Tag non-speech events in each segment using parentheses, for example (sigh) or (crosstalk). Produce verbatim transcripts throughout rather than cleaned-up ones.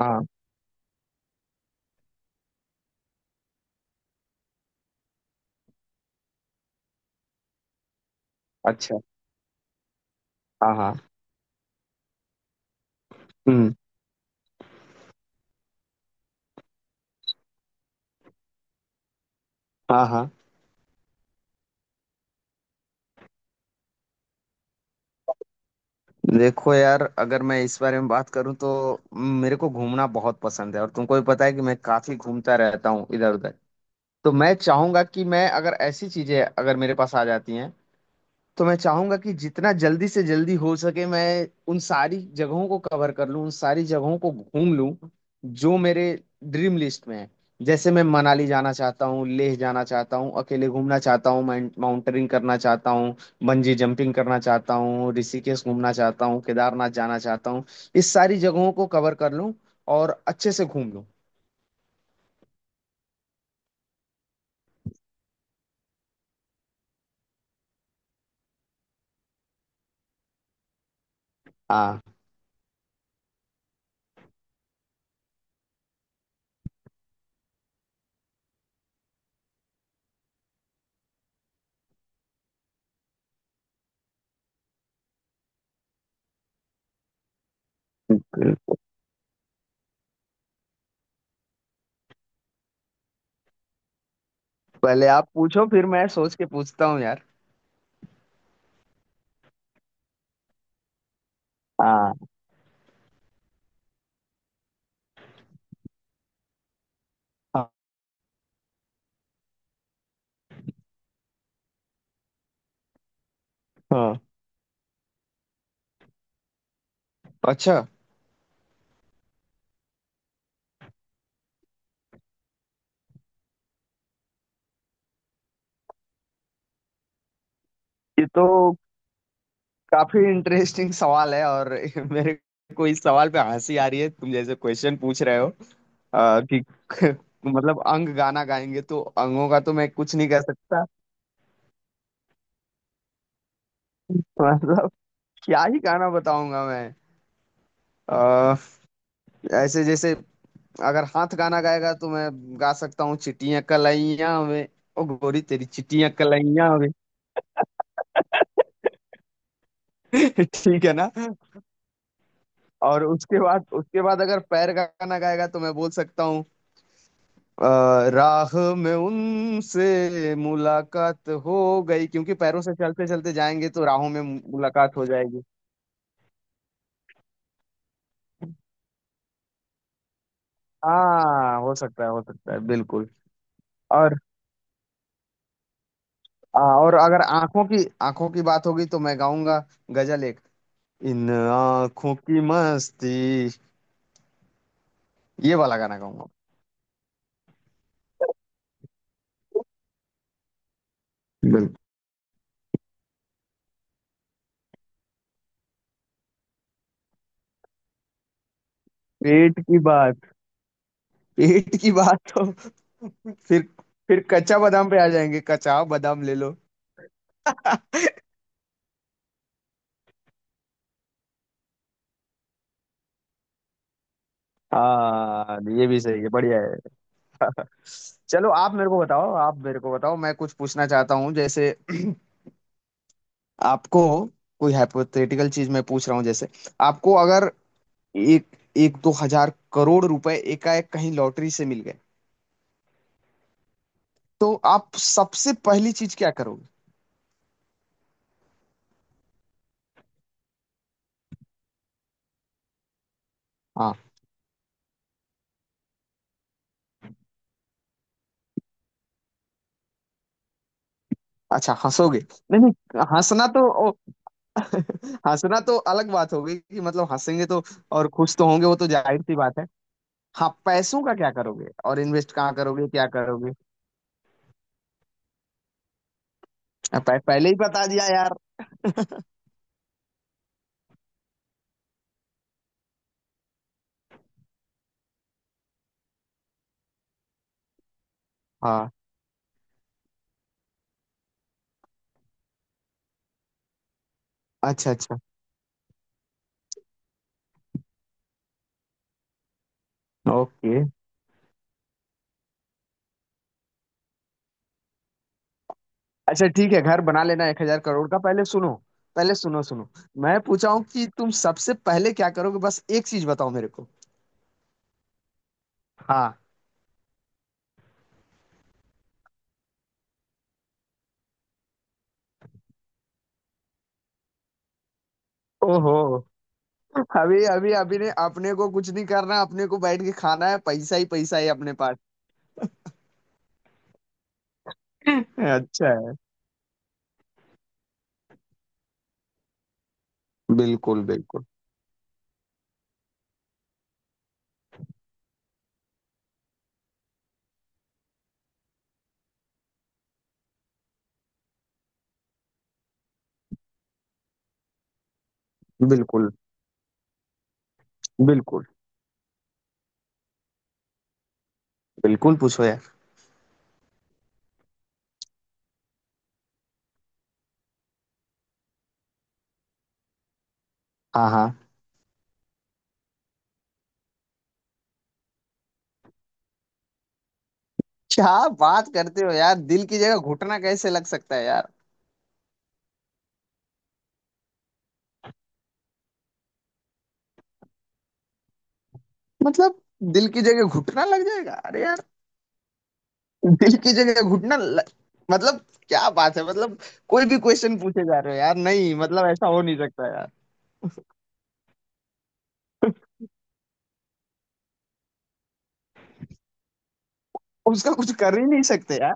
हाँ। अच्छा। हाँ, हाँ। हम्म। हाँ, हाँ। देखो यार, अगर मैं इस बारे में बात करूँ तो मेरे को घूमना बहुत पसंद है और तुमको भी पता है कि मैं काफी घूमता रहता हूँ इधर उधर। तो मैं चाहूंगा कि मैं अगर ऐसी चीजें अगर मेरे पास आ जाती हैं तो मैं चाहूंगा कि जितना जल्दी से जल्दी हो सके मैं उन सारी जगहों को कवर कर लूं, उन सारी जगहों को घूम लूं जो मेरे ड्रीम लिस्ट में है। जैसे मैं मनाली जाना चाहता हूँ, लेह जाना चाहता हूँ, अकेले घूमना चाहता हूँ, माउंटेनिंग करना चाहता हूँ, बंजी जंपिंग करना चाहता हूँ, ऋषिकेश घूमना चाहता हूँ, केदारनाथ जाना चाहता हूँ, इस सारी जगहों को कवर कर लूं और अच्छे से घूम लूं। हाँ, बिल्कुल। पहले आप पूछो, फिर मैं सोच के पूछता हूँ यार। हाँ, हाँ, हाँ। अच्छा, ये तो काफी इंटरेस्टिंग सवाल है, और (laughs) मेरे को इस सवाल पे हंसी आ रही है, तुम जैसे क्वेश्चन पूछ रहे हो। अ, कि (laughs) मतलब अंग गाना गाएंगे तो अंगों का तो मैं कुछ नहीं कह सकता। (laughs) मतलब क्या ही गाना बताऊंगा मैं। अ, ऐसे जैसे अगर हाथ गाना गाएगा तो मैं गा सकता हूँ, चिट्टियां कलाइयां वे, ओ गोरी तेरी चिट्टियां कलाइयां वे। (laughs) ठीक है ना। और उसके बाद उसके बाद अगर पैर का गाना गाएगा तो मैं बोल सकता हूँ, अ, राह में उनसे मुलाकात हो गई, क्योंकि पैरों से चलते चलते जाएंगे तो राहों में मु- मुलाकात हो जाएगी। हाँ, हो सकता है, हो सकता है, बिल्कुल। और आ, और अगर आंखों की आंखों की बात होगी तो मैं गाऊंगा, गजल, एक इन आंखों की मस्ती, ये वाला गाना गाऊंगा। बिल्कुल। पेट की बात। पेट की बात तो फिर फिर कच्चा बादाम पे आ जाएंगे, कच्चा बादाम ले लो। हाँ, ये भी सही है, बढ़िया है। चलो आप मेरे को बताओ, आप मेरे को बताओ, मैं कुछ पूछना चाहता हूँ। जैसे आपको कोई हाइपोथेटिकल चीज मैं पूछ रहा हूँ, जैसे आपको अगर एक एक दो हजार करोड़ रुपए एकाएक कहीं लॉटरी से मिल गए, तो आप सबसे पहली चीज क्या करोगे? हाँ। अच्छा, हंसोगे। नहीं, नहीं, हंसना तो ओ, हंसना तो अलग बात होगी कि मतलब हंसेंगे तो, और खुश तो होंगे, वो तो जाहिर सी बात है। हाँ, पैसों का क्या करोगे, और इन्वेस्ट कहाँ करोगे, क्या करोगे? पह, पहले ही बता दिया यार। हाँ। अच्छा, अच्छा। ओके। अच्छा, ठीक है, घर बना लेना एक हजार करोड़ का, पहले सुनो। पहले सुनो, सुनो। मैं पूछा हूँ कि तुम सबसे पहले क्या करोगे, बस एक चीज बताओ मेरे को। हाँ। ओहो। अभी अभी अभी ने अपने को कुछ नहीं करना, अपने को बैठ के खाना है, पैसा ही पैसा है अपने पास। अच्छा है। बिल्कुल, बिल्कुल। बिल्कुल, बिल्कुल। बिल्कुल पूछो यार। हाँ, हाँ। क्या बात करते हो यार, दिल की जगह घुटना कैसे लग सकता है यार? मतलब, दिल की जगह घुटना लग जाएगा? अरे, दिल की जगह घुटना ल- मतलब। क्या बात है, मतलब कोई भी क्वेश्चन पूछे जा रहे हो यार। नहीं मतलब ऐसा हो नहीं सकता यार, उसका कुछ कर ही नहीं सकते यार।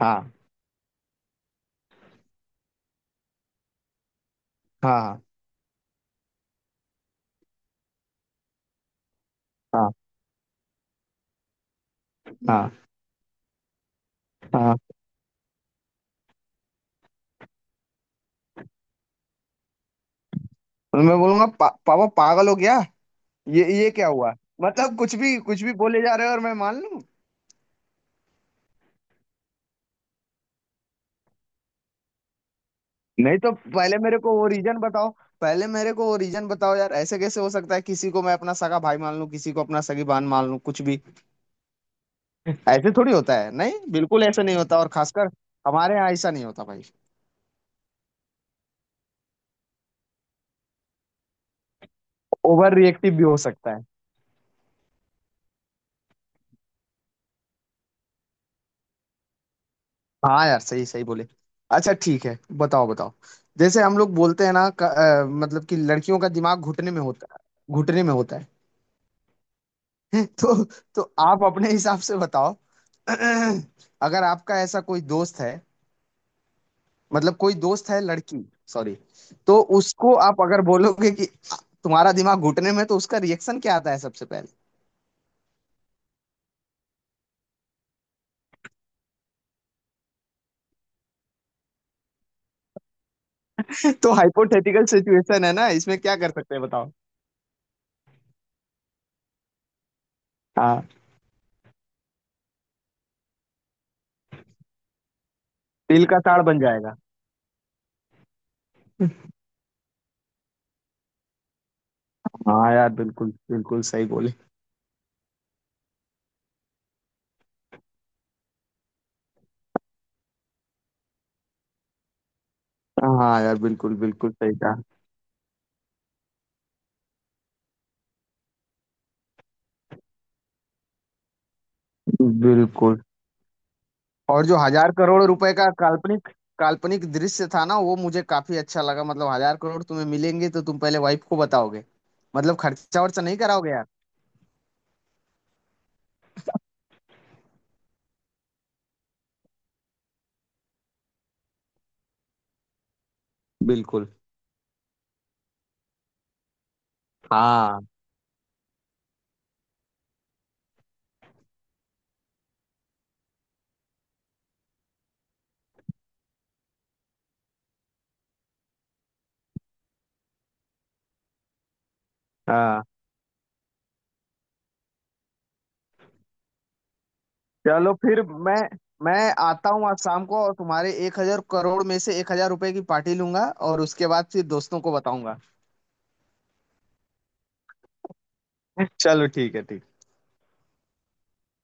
हाँ, हाँ, हाँ, हाँ, हाँ। तो मैं बोलूंगा, पा, पापा पागल हो गया, ये ये क्या हुआ। मतलब कुछ भी कुछ भी बोले जा रहे हो और मैं मान लूं? नहीं, तो पहले मेरे को वो रीजन बताओ। पहले मेरे को वो रीजन बताओ यार, ऐसे कैसे हो सकता है, किसी को मैं अपना सगा भाई मान लूं, किसी को अपना सगी बहन मान लूं, कुछ भी? ऐसे थोड़ी होता है, नहीं, बिल्कुल ऐसे नहीं होता, और खासकर हमारे यहाँ ऐसा नहीं होता भाई। ओवर रिएक्टिव भी हो सकता है। हाँ यार, सही सही बोले। अच्छा, ठीक है, बताओ, बताओ। जैसे हम लोग बोलते हैं ना, क- अ, मतलब कि लड़कियों का दिमाग घुटने में होता है, घुटने में होता है। (laughs) तो तो आप अपने हिसाब से बताओ। (clears throat) अगर आपका ऐसा कोई दोस्त है, मतलब कोई दोस्त है लड़की, सॉरी। तो उसको आप अगर बोलोगे कि तुम्हारा दिमाग घुटने में है, तो उसका रिएक्शन क्या आता है सबसे पहले? (laughs) तो हाइपोथेटिकल सिचुएशन है ना, इसमें क्या कर सकते हैं, बताओ। हाँ। तिल का ताड़ बन जाएगा। हाँ यार, बिल्कुल बिल्कुल सही बोले। हाँ यार, बिल्कुल बिल्कुल सही कहा। बिल्कुल। और जो हजार करोड़ रुपए का काल्पनिक काल्पनिक दृश्य था ना, वो मुझे काफी अच्छा लगा। मतलब हजार करोड़ तुम्हें मिलेंगे तो तुम पहले वाइफ को बताओगे? मतलब खर्चा वर्चा नहीं कराओगे यार। बिल्कुल। हाँ, हाँ। चलो फिर। मैं मैं आता हूँ आज शाम को, और तुम्हारे एक हजार करोड़ में से एक हजार रुपए की पार्टी लूंगा, और उसके बाद फिर दोस्तों को बताऊंगा। (laughs) चलो ठीक है, ठीक है।